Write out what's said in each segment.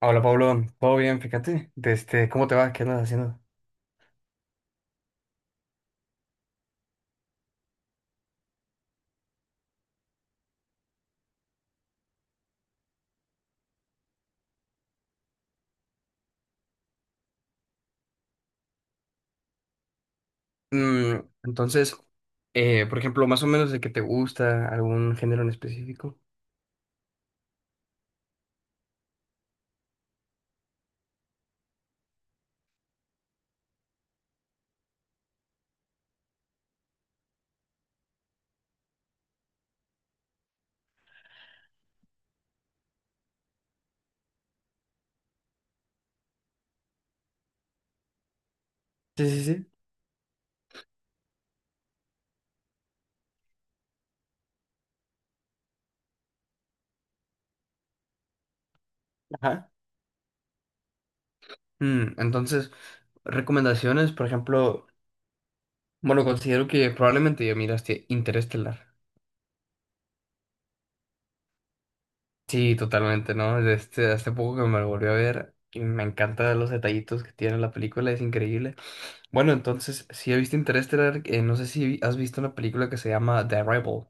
Hola Pablo, todo bien, fíjate, desde cómo te va, qué andas haciendo. Mm, entonces, por ejemplo, más o menos de que te gusta algún género en específico. Sí, sí, sí. Ajá. Entonces, recomendaciones, por ejemplo, bueno, considero que probablemente ya miraste Interestelar. Sí, totalmente, ¿no? Este, hace poco que me lo volví a ver y me encantan los detallitos que tiene la película, es increíble. Bueno, entonces, si he visto Interestelar, no sé si has visto una película que se llama The Arrival.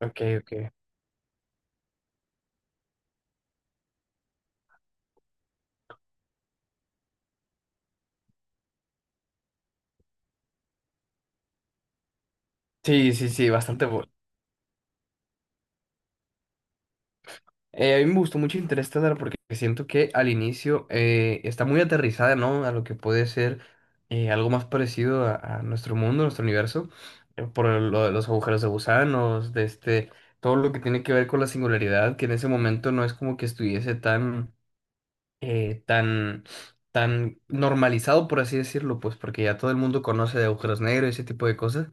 Ok, ok. Sí, sí, sí, bastante bueno. A mí me gustó mucho Interstellar porque siento que al inicio está muy aterrizada, ¿no? A lo que puede ser algo más parecido a nuestro mundo, nuestro universo, por lo de los agujeros de gusanos, de este, todo lo que tiene que ver con la singularidad, que en ese momento no es como que estuviese tan, eh, tan, tan normalizado, por así decirlo, pues porque ya todo el mundo conoce de agujeros negros y ese tipo de cosas.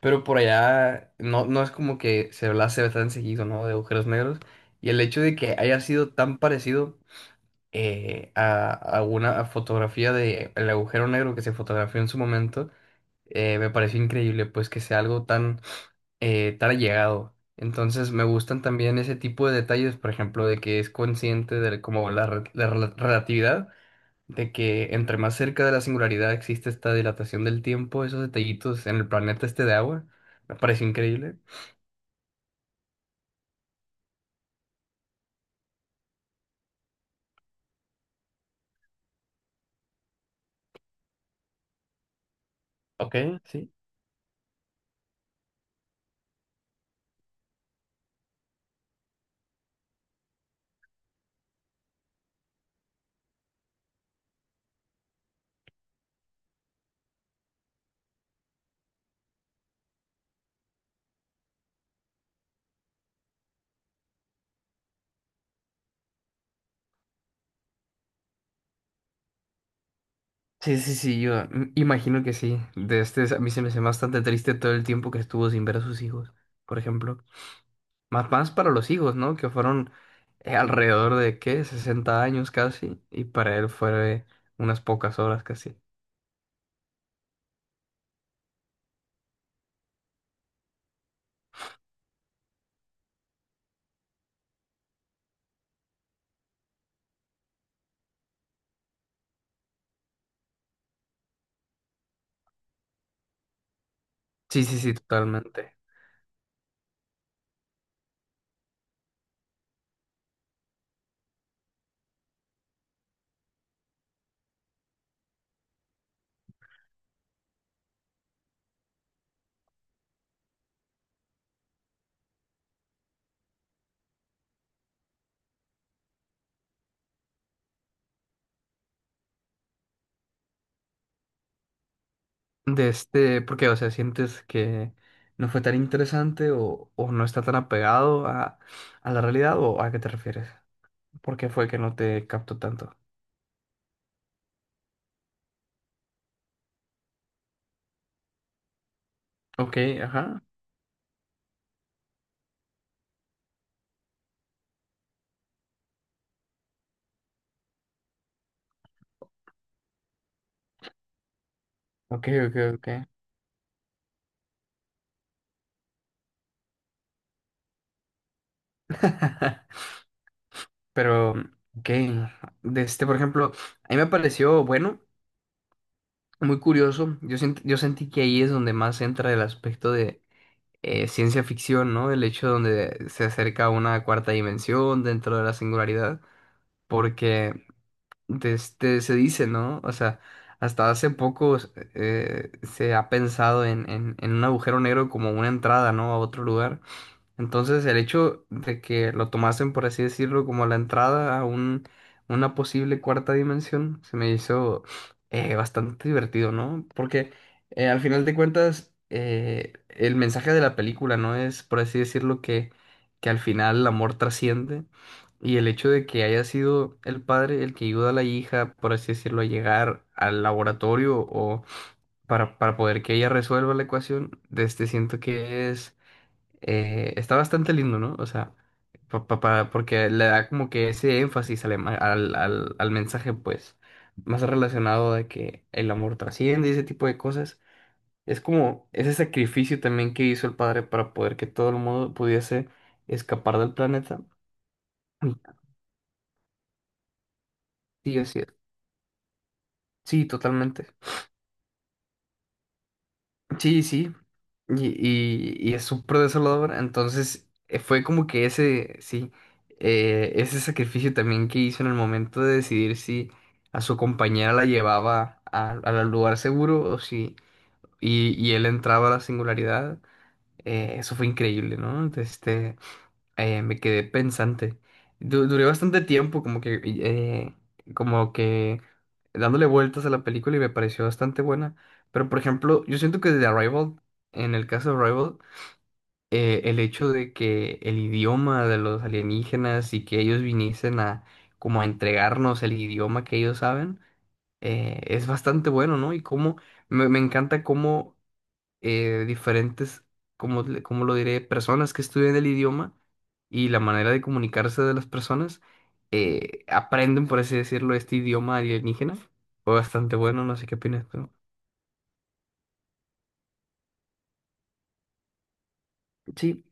Pero por allá no, no es como que se hablase ve tan seguido, ¿no? De agujeros negros. Y el hecho de que haya sido tan parecido a una fotografía de el agujero negro que se fotografió en su momento, me pareció increíble, pues que sea algo tan, tan allegado. Entonces me gustan también ese tipo de detalles, por ejemplo, de que es consciente de como la, re- la rela- relatividad de que entre más cerca de la singularidad existe esta dilatación del tiempo, esos detallitos en el planeta este de agua, me pareció increíble. Ok, sí. Sí, sí, sí, yo imagino que sí. De este, a mí se me hace bastante triste todo el tiempo que estuvo sin ver a sus hijos, por ejemplo. Más, más para los hijos, ¿no? Que fueron alrededor de, ¿qué? 60 años casi, y para él fue unas pocas horas casi. Sí, sí, sí, totalmente. De este, porque, o sea, ¿sientes que no fue tan interesante o no está tan apegado a la realidad o a qué te refieres? ¿Por qué fue que no te captó tanto? Ok, ajá. Ok, ok, ok. Pero, ok, de este, por ejemplo, a mí me pareció, bueno, muy curioso. Yo sentí que ahí es donde más entra el aspecto de ciencia ficción, ¿no? El hecho donde se acerca a una cuarta dimensión dentro de la singularidad, porque de este, se dice, ¿no? O sea, hasta hace poco se ha pensado en un agujero negro como una entrada, ¿no? A otro lugar. Entonces, el hecho de que lo tomasen, por así decirlo, como la entrada a un, una posible cuarta dimensión, se me hizo bastante divertido, ¿no? Porque al final de cuentas, el mensaje de la película, ¿no? Es, por así decirlo, que al final el amor trasciende y el hecho de que haya sido el padre el que ayuda a la hija, por así decirlo, a llegar al laboratorio o para poder que ella resuelva la ecuación, de este siento que es está bastante lindo, ¿no? O sea, porque le da como que ese énfasis al, ema- al, al- al mensaje, pues, más relacionado de que el amor trasciende y ese tipo de cosas. Es como ese sacrificio también que hizo el padre para poder que todo el mundo pudiese escapar del planeta. Sí, así es. Sí, totalmente. Sí, sí. Y, y es súper desolador. Entonces, fue como que ese, sí, ese sacrificio también que hizo en el momento de decidir si a su compañera la llevaba a- al lugar seguro o si, y él entraba a la singularidad. Eso fue increíble, ¿no? Este, me quedé pensante. Duré bastante tiempo como que, como que dándole vueltas a la película y me pareció bastante buena. Pero por ejemplo, yo siento que de Arrival, en el caso de Arrival, el hecho de que el idioma de los alienígenas y que ellos viniesen a como a entregarnos el idioma que ellos saben, es bastante bueno, ¿no? Y cómo me encanta cómo diferentes, como, como lo diré, personas que estudian el idioma y la manera de comunicarse de las personas, aprenden, por así decirlo, este idioma alienígena. Fue bastante bueno, no sé qué opinas tú. Sí,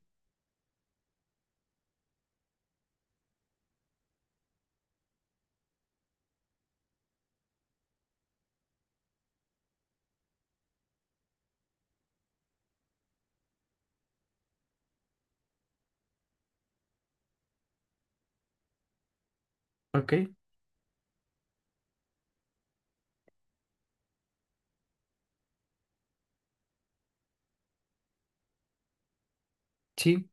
ok, sí,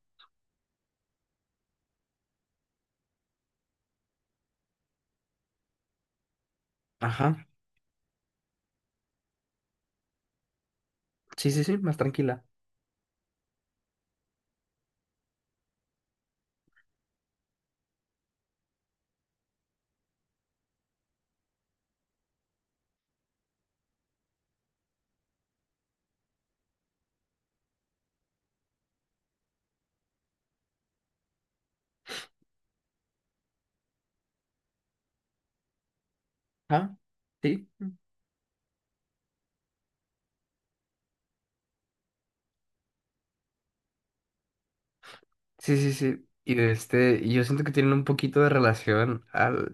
ajá, sí, sí, sí, más tranquila. Ajá, sí, sí, sí, sí. Y de este, y yo siento que tienen un poquito de relación al,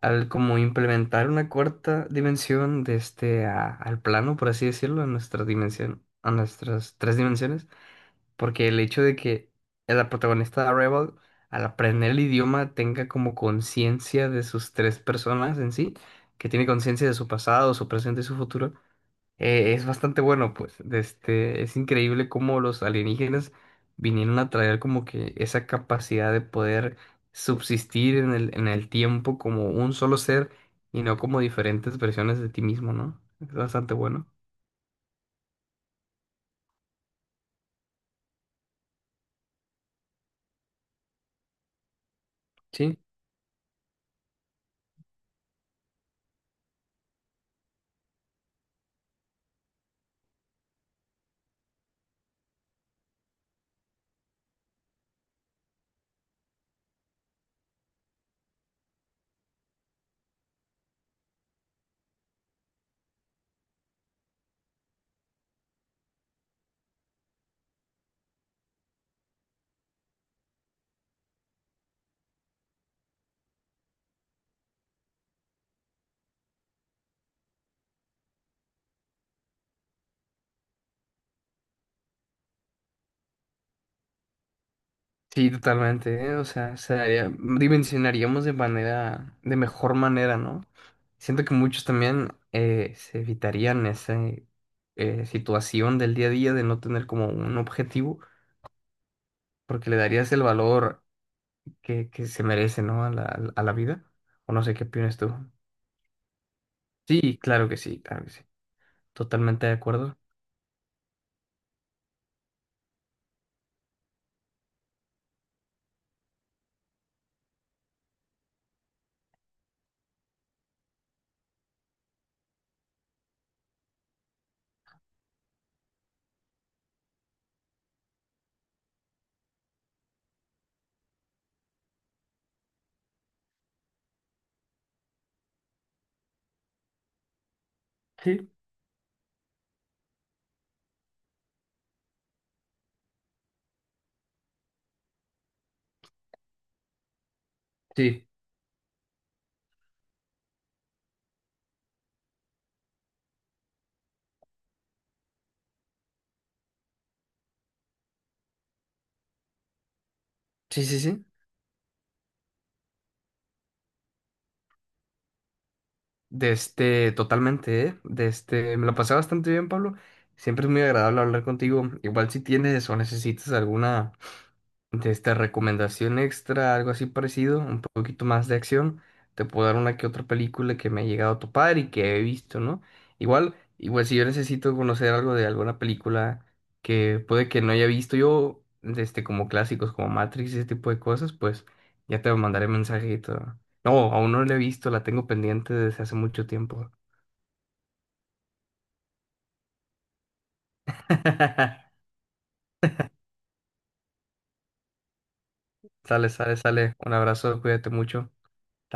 al como implementar una cuarta dimensión de este a- al plano, por así decirlo, a nuestra dimensión, a nuestras tres dimensiones, porque el hecho de que la protagonista de Arrival, al aprender el idioma, tenga como conciencia de sus tres personas en sí, que tiene conciencia de su pasado, su presente y su futuro, es bastante bueno, pues. De este, es increíble cómo los alienígenas vinieron a traer como que esa capacidad de poder subsistir en el tiempo como un solo ser y no como diferentes versiones de ti mismo, ¿no? Es bastante bueno. Sí, sí, totalmente, ¿eh? O sea, dimensionaríamos de manera, de mejor manera, ¿no? Siento que muchos también se evitarían esa situación del día a día de no tener como un objetivo porque le darías el valor que se merece, ¿no? A la vida. O no sé qué opinas tú. Sí, claro que sí, claro que sí. Totalmente de acuerdo. Sí. Sí, sí, sí, sí. De este, totalmente, ¿eh? De este, me lo pasé bastante bien, Pablo. Siempre es muy agradable hablar contigo. Igual si tienes o necesitas alguna de esta recomendación extra, algo así parecido, un poquito más de acción, te puedo dar una que otra película que me ha llegado a topar y que he visto, ¿no? Igual, igual si yo necesito conocer algo de alguna película que puede que no haya visto yo, de este, como clásicos, como Matrix, ese tipo de cosas, pues ya te mandaré mensajito. No, aún no la he visto, la tengo pendiente desde hace mucho tiempo. Sale, sale, sale. Un abrazo, cuídate mucho. Hasta